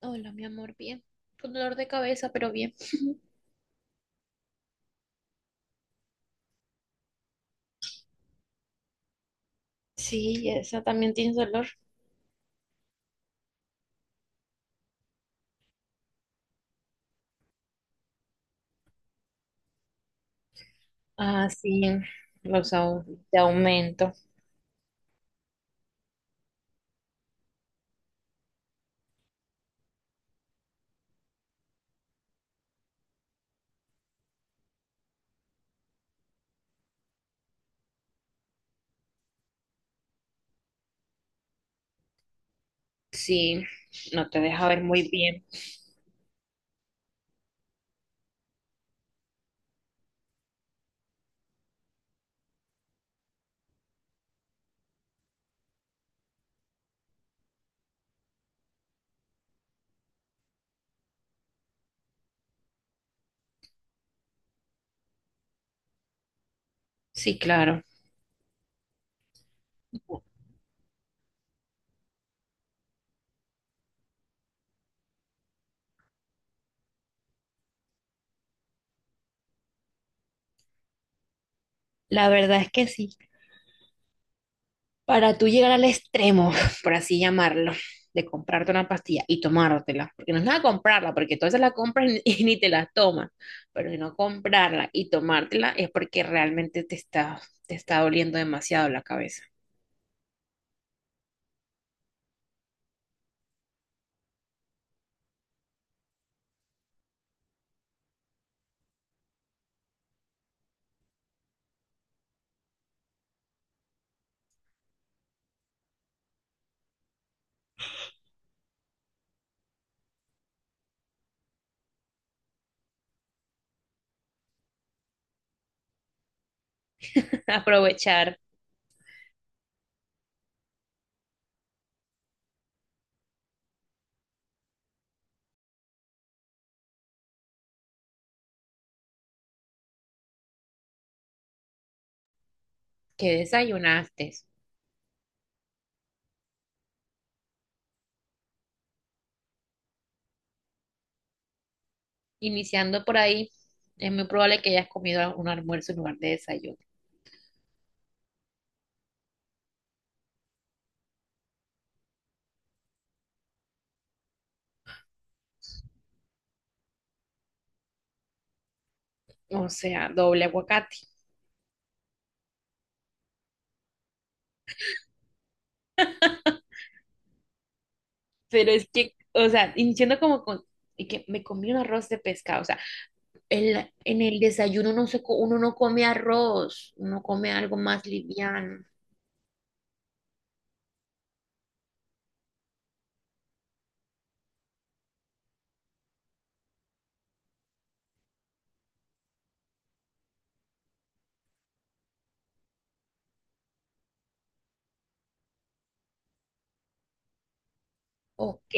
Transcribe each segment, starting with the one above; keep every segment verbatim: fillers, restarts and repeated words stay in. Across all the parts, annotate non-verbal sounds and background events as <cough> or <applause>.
Hola, mi amor, bien. Con dolor de cabeza, pero bien. Sí, esa también tiene dolor. Ah, sí, los au- de aumento. Sí, no te deja ver muy bien. Sí, claro. La verdad es que sí. Para tú llegar al extremo, <laughs> por así llamarlo, de comprarte una pastilla y tomártela, porque no es nada comprarla, porque tú se la compras y, <laughs> y ni te la tomas, pero si no comprarla y tomártela es porque realmente te está, te está doliendo demasiado la cabeza. <laughs> Aprovechar. ¿Qué desayunaste? Iniciando por ahí, es muy probable que hayas comido un almuerzo en lugar de desayuno. O sea, doble aguacate. Pero es que, o sea, iniciando como con, y que me comí un arroz de pescado. O sea, el- en el desayuno no se, co- uno no come arroz, uno come algo más liviano. Ok,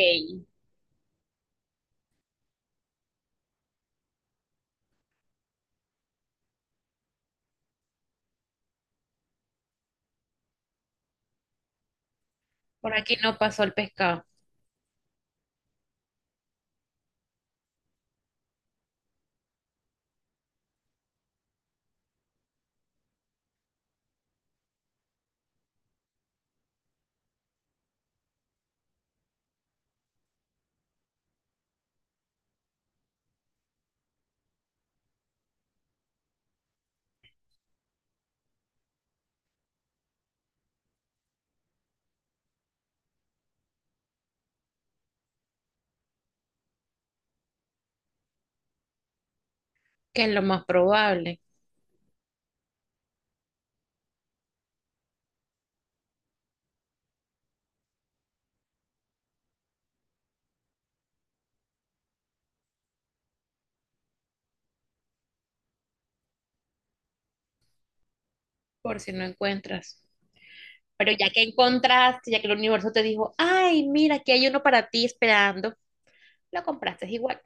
por aquí no pasó el pescado, que es lo más probable, por si no encuentras. Pero ya que encontraste, ya que el universo te dijo, ay, mira, aquí hay uno para ti esperando, lo compraste igual.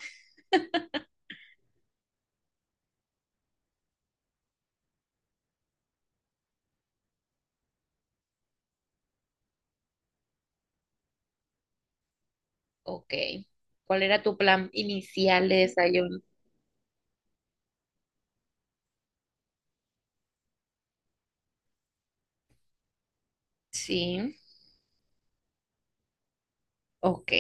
Ok. ¿Cuál era tu plan inicial de desayuno? Sí, ok.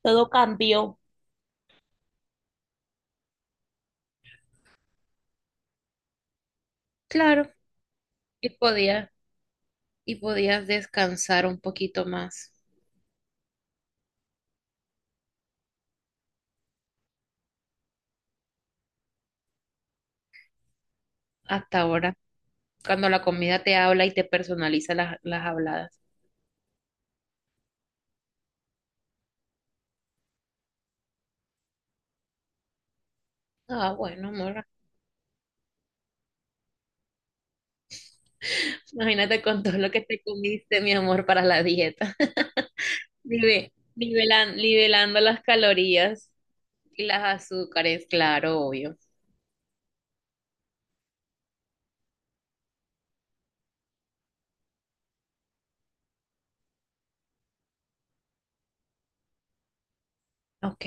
Todo cambió. Claro, y podías y podías descansar un poquito más hasta ahora, cuando la comida te habla y te personaliza las, las habladas. Ah, bueno, amor. Imagínate con todo lo que te comiste, mi amor, para la dieta. <laughs> Nive- nivelan- nivelando las calorías y las azúcares, claro, obvio. Ok.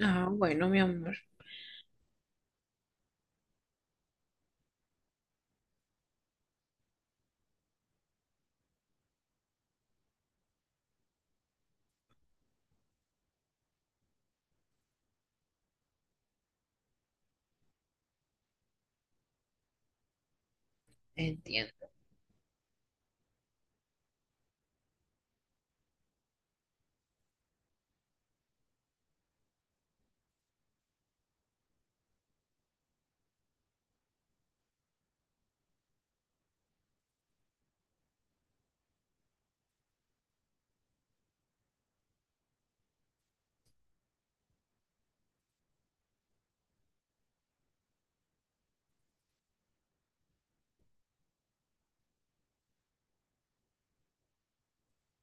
Ah, bueno, mi amor. Entiendo.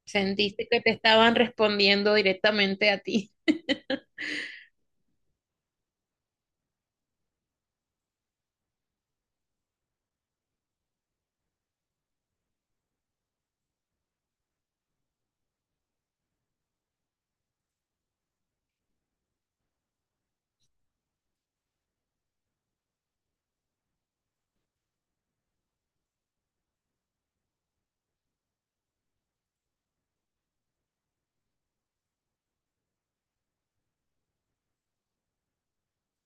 Sentiste que te estaban respondiendo directamente a ti. <laughs>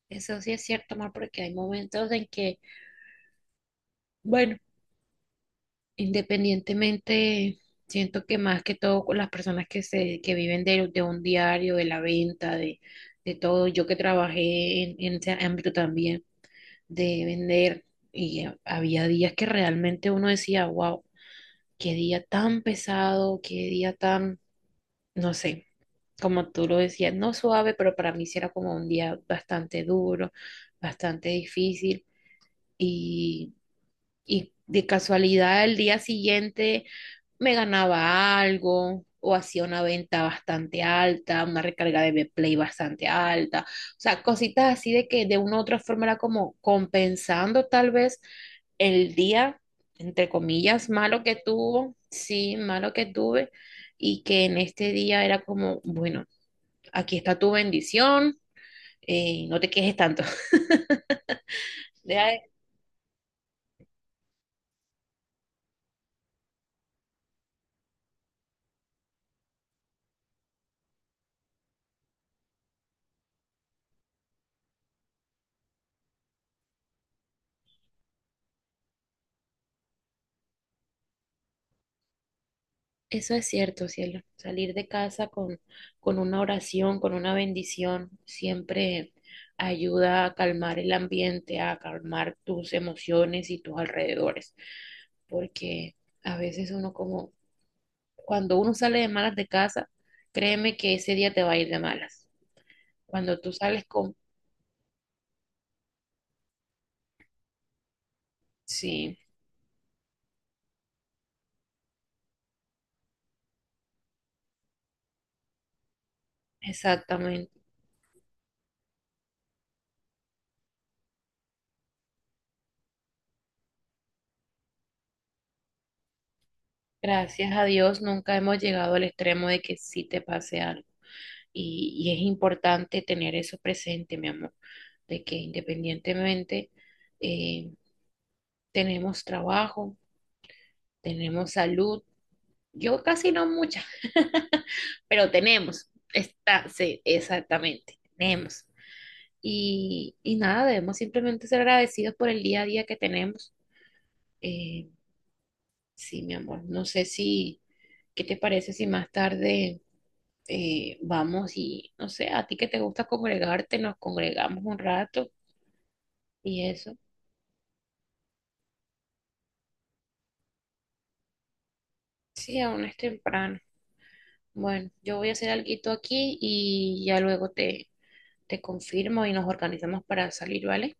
Eso sí es cierto, amor, porque hay momentos en que, bueno, independientemente, siento que más que todo con las personas que se, que viven de, de un diario, de la venta, de, de todo, yo que trabajé en, en ese ámbito también de vender, y había días que realmente uno decía, wow, qué día tan pesado, qué día tan, no sé, como tú lo decías, no suave, pero para mí sí era como un día bastante duro, bastante difícil y, y de casualidad el día siguiente me ganaba algo o hacía una venta bastante alta, una recarga de play bastante alta, o sea, cositas así de que de una u otra forma era como compensando tal vez el día, entre comillas, malo que tuvo, sí, malo que tuve y que en este día era como, bueno, aquí está tu bendición, eh, no te quejes tanto. <laughs> Deja de- Eso es cierto, cielo. Salir de casa con, con una oración, con una bendición, siempre ayuda a calmar el ambiente, a calmar tus emociones y tus alrededores. Porque a veces uno como, cuando uno sale de malas de casa, créeme que ese día te va a ir de malas. Cuando tú sales con... Sí, exactamente. Gracias a Dios nunca hemos llegado al extremo de que sí te pase algo. Y, y es importante tener eso presente, mi amor, de que independientemente eh, tenemos trabajo, tenemos salud. Yo casi no mucha, pero tenemos. Está, sí, exactamente, tenemos. Y, y nada, debemos simplemente ser agradecidos por el día a día que tenemos. Eh, sí, mi amor, no sé si, ¿qué te parece si más tarde eh, vamos y, no sé, a ti que te gusta congregarte, nos congregamos un rato y eso? Sí, aún es temprano. Bueno, yo voy a hacer alguito aquí y ya luego te, te confirmo y nos organizamos para salir, ¿vale?